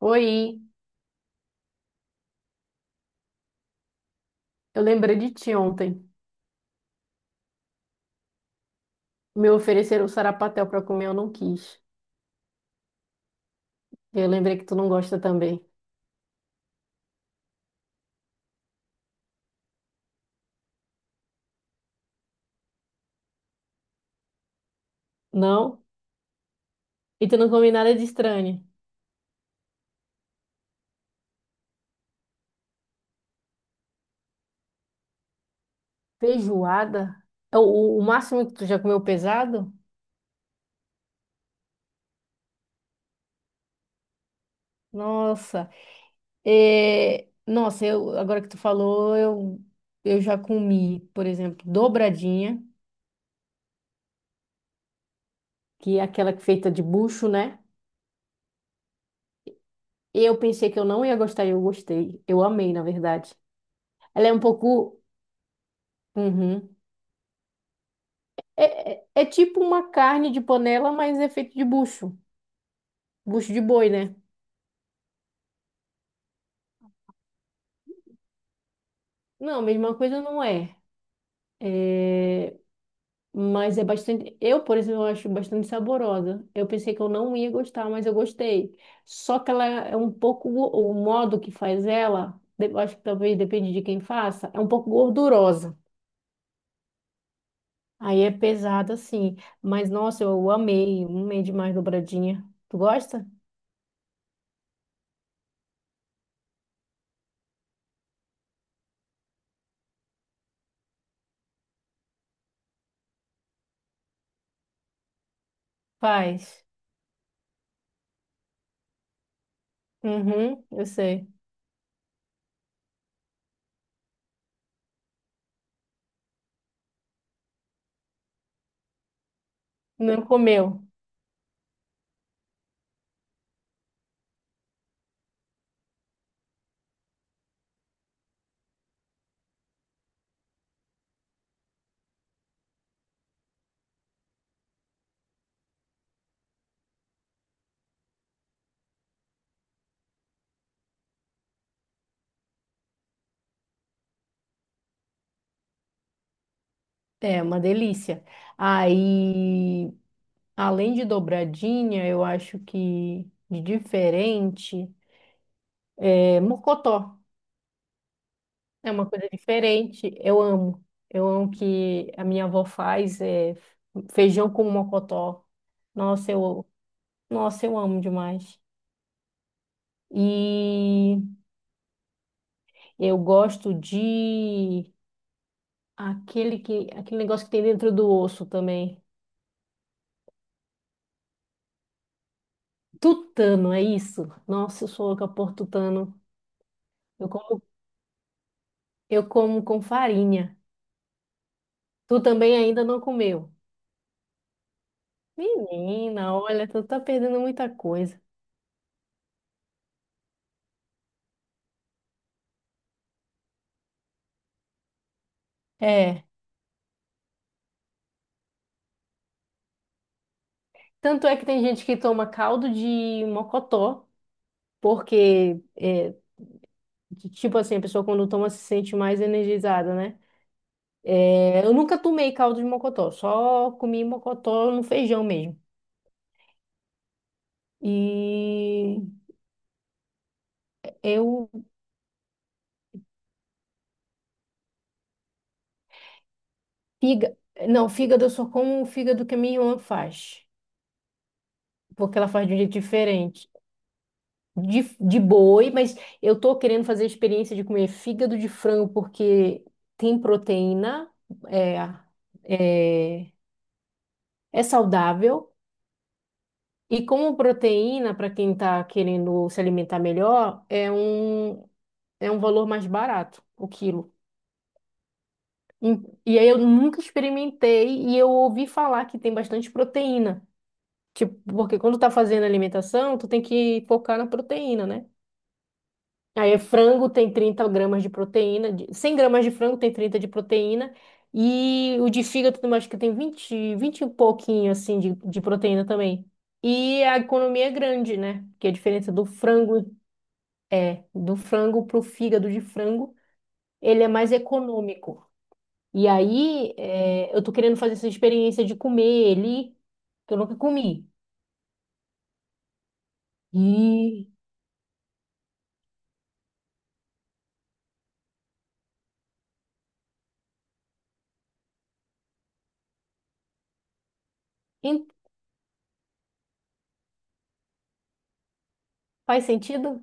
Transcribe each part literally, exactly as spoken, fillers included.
Oi, eu lembrei de ti ontem. Me ofereceram sarapatel pra comer, eu não quis. E eu lembrei que tu não gosta também. Não? E tu não come nada de estranho. Feijoada? É O, o, o máximo que tu já comeu pesado? Nossa. É, Nossa, eu, agora que tu falou, eu, eu já comi, por exemplo, dobradinha, que é aquela que é feita de bucho, né? E eu pensei que eu não ia gostar e eu gostei. Eu amei, na verdade. Ela é um pouco. Uhum. É, é- é tipo uma carne de panela, mas é feito de bucho. Bucho de boi, né? Não, mesma coisa não é. É, Mas é bastante. Eu, por exemplo, eu acho bastante saborosa. Eu pensei que eu não ia gostar, mas eu gostei. Só que ela é um pouco. go- O modo que faz ela, de- eu acho que talvez depende de quem faça, é um pouco gordurosa. Aí é pesada, sim. Mas nossa, eu amei. Amei demais dobradinha. Tu gosta? Faz. Uhum, eu sei. Não comeu. É uma delícia. Aí, além de dobradinha, eu acho que de diferente é mocotó. É uma coisa diferente. Eu amo. Eu amo que a minha avó faz é, feijão com mocotó. Nossa, eu, nossa, eu amo demais. E eu gosto de aquele que, aquele negócio que tem dentro do osso também. Tutano, é isso? Nossa, eu sou louca por tutano. Eu como Eu como com farinha. Tu também ainda não comeu. Menina, olha, tu tá perdendo muita coisa. É. Tanto é que tem gente que toma caldo de mocotó, porque, é, tipo assim, a pessoa quando toma se sente mais energizada, né? É, eu nunca tomei caldo de mocotó, só comi mocotó no feijão mesmo. E eu. Figa, não, fígado eu só como o fígado que a minha irmã faz, porque ela faz de um jeito diferente. de, de boi, mas eu tô querendo fazer a experiência de comer fígado de frango porque tem proteína, é, é, é saudável. E como proteína, para quem está querendo se alimentar melhor, é um, é um valor mais barato o quilo. Em- E aí eu nunca experimentei e eu ouvi falar que tem bastante proteína. Tipo, porque quando tá fazendo alimentação, tu tem que focar na proteína, né? Aí é frango tem trinta gramas de proteína, de- cem gramas de frango tem trinta de proteína, e o de fígado também acho que tem vinte vinte e pouquinho assim de, de proteína também. E a economia é grande, né? Porque a diferença do frango é do frango pro fígado de frango, ele é mais econômico. E aí é, eu tô querendo fazer essa experiência de comer ele, que eu nunca comi. E, e faz sentido?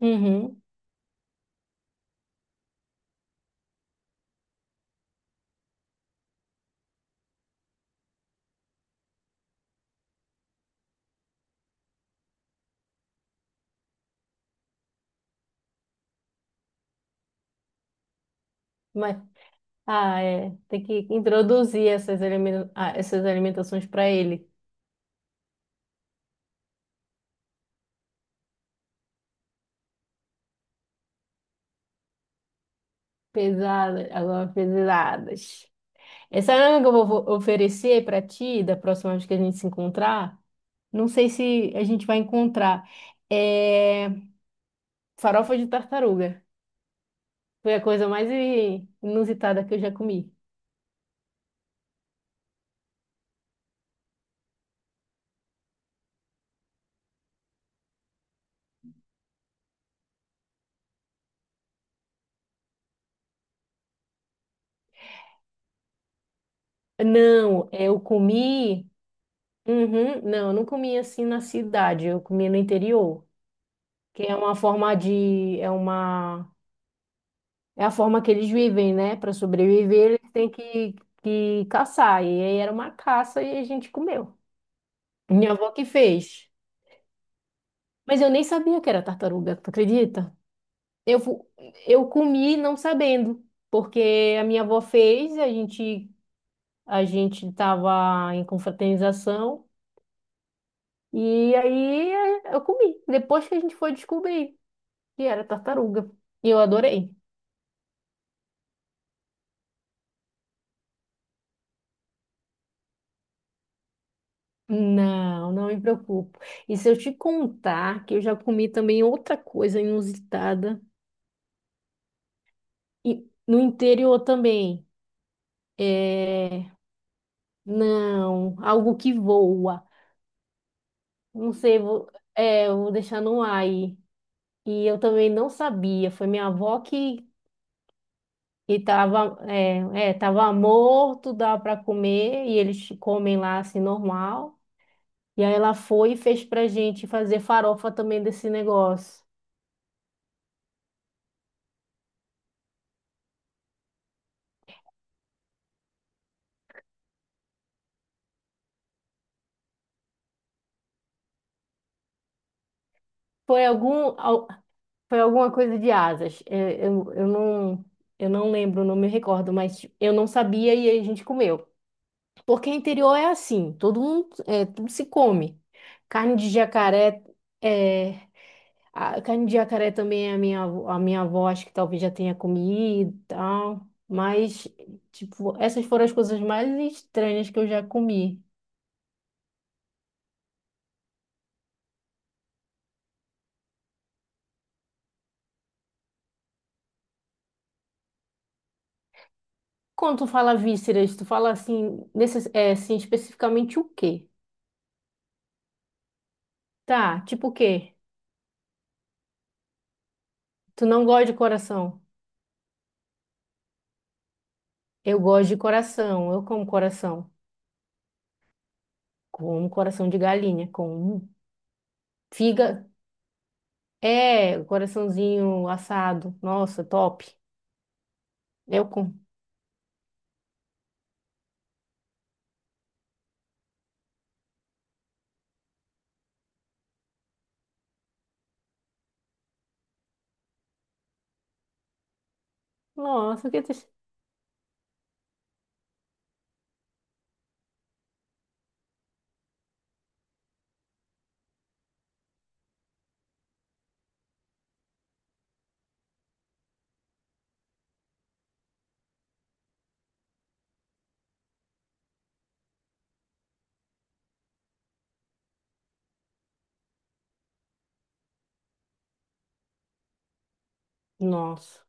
Uhum. Mas. Ah, é. Tem que introduzir essas, elimin- ah, essas alimentações para ele. Pesadas, agora pesadas. Essa é uma que eu vou vou oferecer para ti, da próxima vez que a gente se encontrar. Não sei se a gente vai encontrar. É farofa de tartaruga. Foi a coisa mais i- inusitada que eu já comi. Não, eu comi. Uhum, não, eu não comi assim na cidade, eu comi no interior, que é uma forma de, é uma é a forma que eles vivem, né? Para sobreviver, eles têm que, que caçar. E aí era uma caça e a gente comeu. Minha avó que fez. Mas eu nem sabia que era tartaruga, tu acredita? Eu, fu- eu comi não sabendo, porque a minha avó fez, a gente a gente tava em confraternização e aí eh, eu comi. Depois que a gente foi descobrir que era tartaruga. E eu adorei. Não, não me preocupo. E se eu te contar que eu já comi também outra coisa inusitada e no interior também. É... Não, algo que voa. Não sei, vou... É, eu vou deixar no ar aí. E eu também não sabia. Foi minha avó que e tava, é, é, tava morto, dava para comer e eles comem lá assim normal. E aí ela foi e fez pra gente fazer farofa também desse negócio. Foi algum, al- Foi alguma coisa de asas. É, Eu, eu, não, eu não lembro, não me recordo, mas tipo, eu não sabia e aí a gente comeu. Porque interior é assim, todo mundo, é, tudo se come. Carne de jacaré, é, a carne de jacaré também é a minha, avó- a minha avó acho que talvez já tenha comido e tal. Mas, tipo, essas foram as coisas mais estranhas que eu já comi. Quando tu fala vísceras, tu fala assim, necess, é, assim, especificamente o quê? Tá, tipo o quê? Tu não gosta de coração? Eu gosto de coração, eu como coração. Como coração de galinha, com figa. É, coraçãozinho assado. Nossa, top. Eu com. Nossa, que triste. Nossa.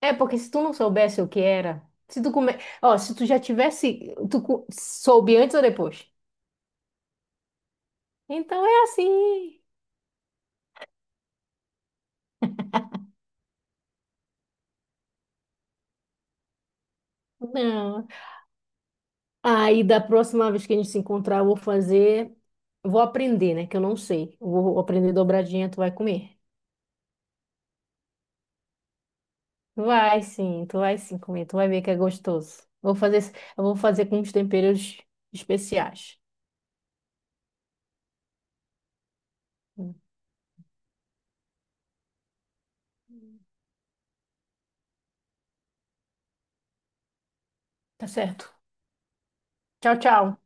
É, porque se tu não soubesse o que era, se tu come... Ó, se tu já tivesse, tu co- soube antes ou depois? Então é assim. Não. Aí da próxima vez que a gente se encontrar, eu vou fazer, vou aprender, né, que eu não sei. Eu vou aprender dobradinha, tu vai comer. Tu vai sim, tu vai sim comer, tu vai ver que é gostoso. Vou fazer, eu vou fazer com uns temperos especiais. Tá certo. Tchau, tchau.